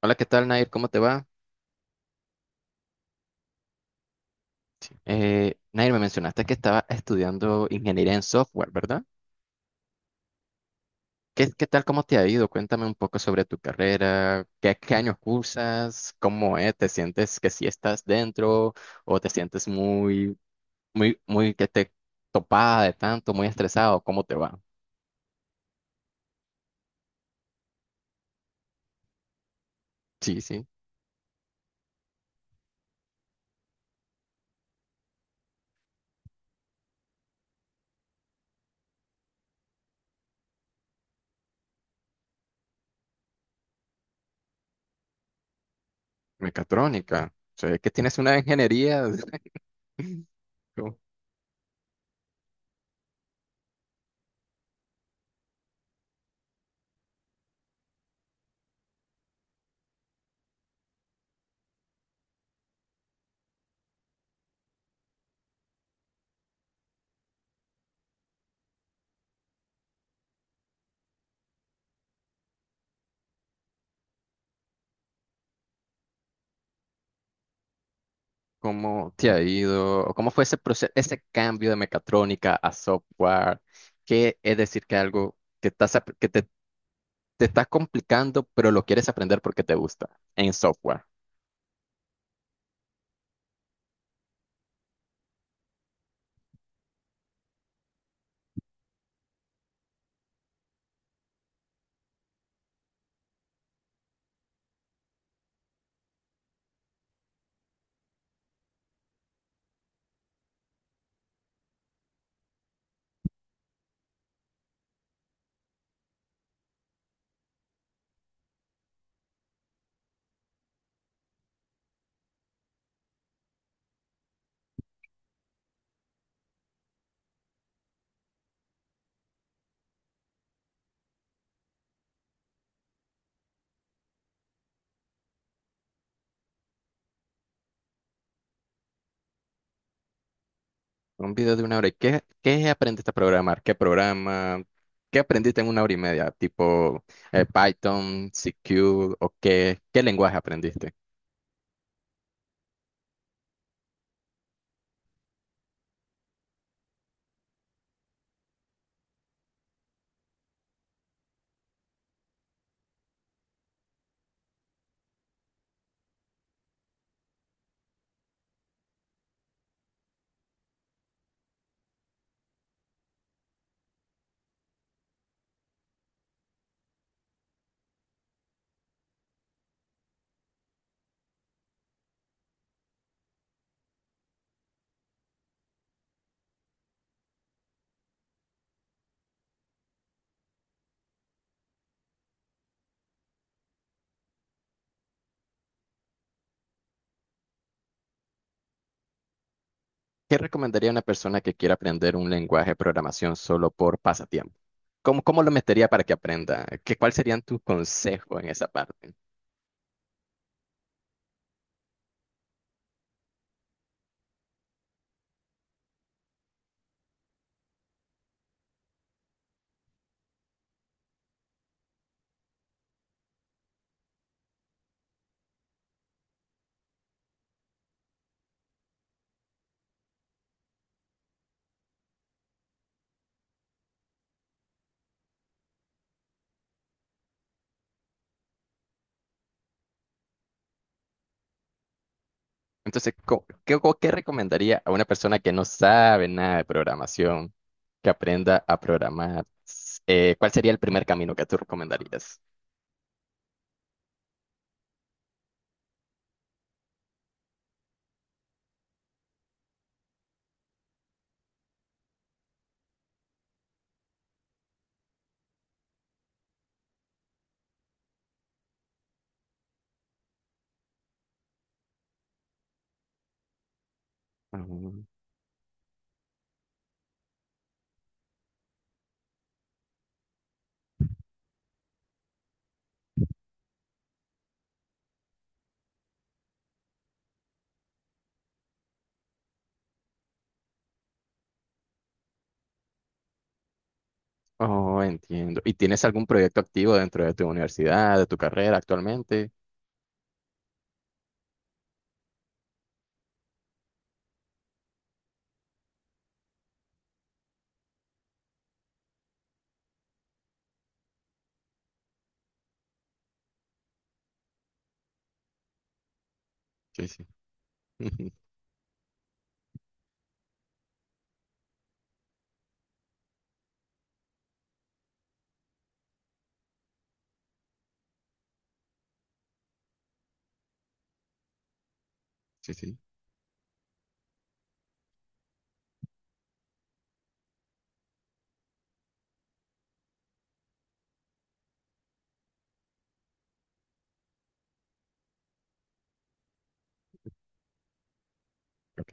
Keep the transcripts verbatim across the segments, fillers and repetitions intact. Hola, ¿qué tal, Nair? ¿Cómo te va? Eh, Nair, me mencionaste que estaba estudiando ingeniería en software, ¿verdad? ¿Qué, qué tal, ¿cómo te ha ido? Cuéntame un poco sobre tu carrera, qué, qué años cursas, cómo es, ¿te sientes que sí estás dentro o te sientes muy, muy, muy que te topada de tanto, muy estresado, ¿cómo te va? Sí, sí, mecatrónica. O sea, que tienes una ingeniería. ¿Cómo te ha ido? ¿O cómo fue ese proceso, ese cambio de mecatrónica a software? ¿Qué es decir que algo que estás, ap- que te, te estás complicando, pero lo quieres aprender porque te gusta en software? Un video de una hora. ¿Y qué, qué aprendiste a programar? ¿Qué programa? ¿Qué aprendiste en una hora y media? Tipo eh, Python, C Q o qué, qué lenguaje aprendiste? ¿Qué recomendaría a una persona que quiera aprender un lenguaje de programación solo por pasatiempo? ¿Cómo, cómo lo metería para que aprenda? ¿Qué, cuál serían tus consejos en esa parte? Entonces, co- ¿qué, co- qué recomendaría a una persona que no sabe nada de programación, que aprenda a programar? Eh, ¿cuál sería el primer camino que tú recomendarías? Ujú. Oh, entiendo. ¿Y tienes algún proyecto activo dentro de tu universidad, de tu carrera actualmente? Sí, sí. Sí, sí. Ok,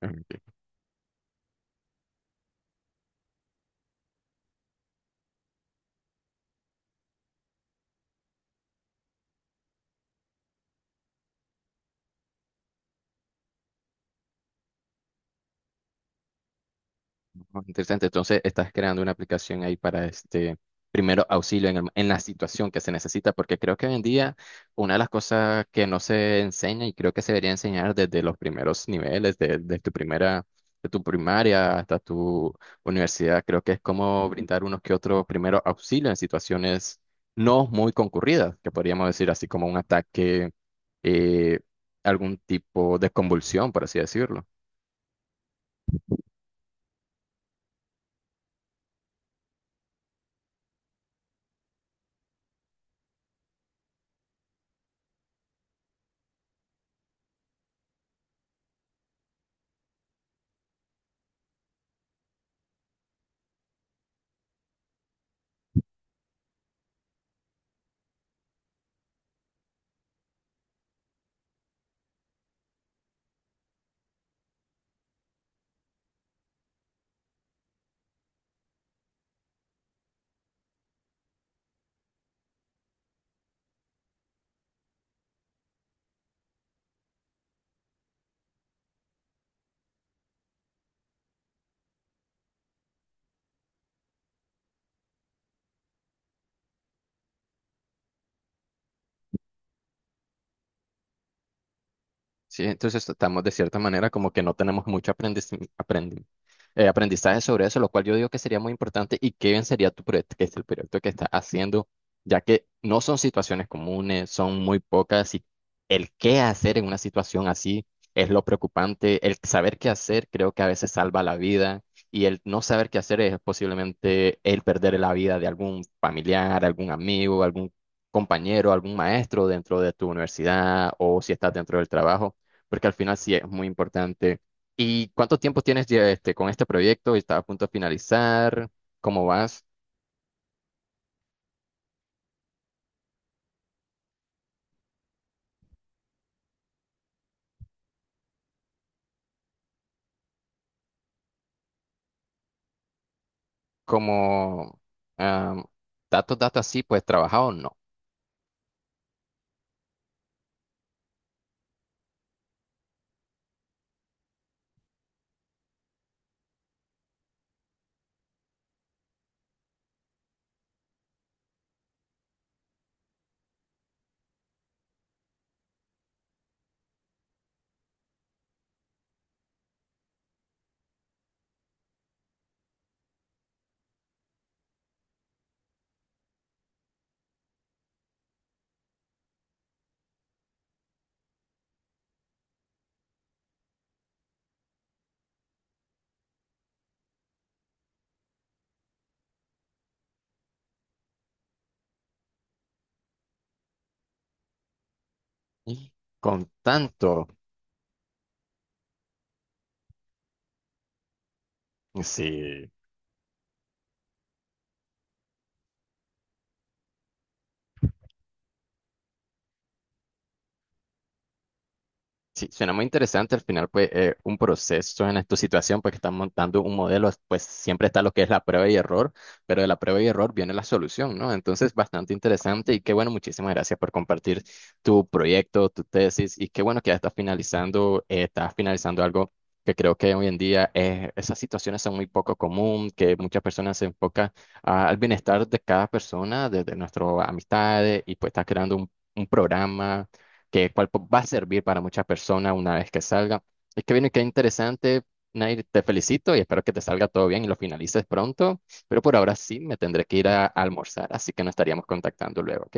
ok. Oh, interesante. Entonces, estás creando una aplicación ahí para este primero auxilio en, el- en la situación que se necesita, porque creo que hoy en día una de las cosas que no se enseña y creo que se debería enseñar desde los primeros niveles, de, de tu primera, de tu primaria hasta tu universidad, creo que es cómo brindar unos que otros primeros auxilios en situaciones no muy concurridas, que podríamos decir así como un ataque, eh, algún tipo de convulsión, por así decirlo. Sí, entonces estamos de cierta manera como que no tenemos mucho aprendiz- aprendi- eh, aprendizaje sobre eso, lo cual yo digo que sería muy importante y qué bien sería tu proyecto, que es el proyecto que estás haciendo, ya que no son situaciones comunes, son muy pocas y el qué hacer en una situación así es lo preocupante, el saber qué hacer creo que a veces salva la vida y el no saber qué hacer es posiblemente el perder la vida de algún familiar, algún amigo, algún compañero, algún maestro dentro de tu universidad o si estás dentro del trabajo porque al final sí es muy importante. ¿Y cuánto tiempo tienes ya este, con este proyecto? ¿Estás a punto de finalizar? ¿Cómo vas? ¿Cómo am, datos, datos así, pues trabajado o no? Y con tanto, sí. Sí, suena muy interesante. Al final, pues, eh, un proceso en esta situación, pues, que están montando un modelo, pues, siempre está lo que es la prueba y error, pero de la prueba y error viene la solución, ¿no? Entonces, bastante interesante y qué bueno, muchísimas gracias por compartir tu proyecto, tu tesis y qué bueno que ya estás finalizando, eh, estás finalizando algo que creo que hoy en día eh, esas situaciones son muy poco común, que muchas personas se enfocan ah, al bienestar de cada persona, desde nuestras amistades y pues estás creando un un programa que cual po- va a servir para muchas personas una vez que salga. Es que viene, qué interesante. Nair, te felicito y espero que te salga todo bien y lo finalices pronto, pero por ahora sí me tendré que ir a almorzar, así que nos estaríamos contactando luego, ¿ok?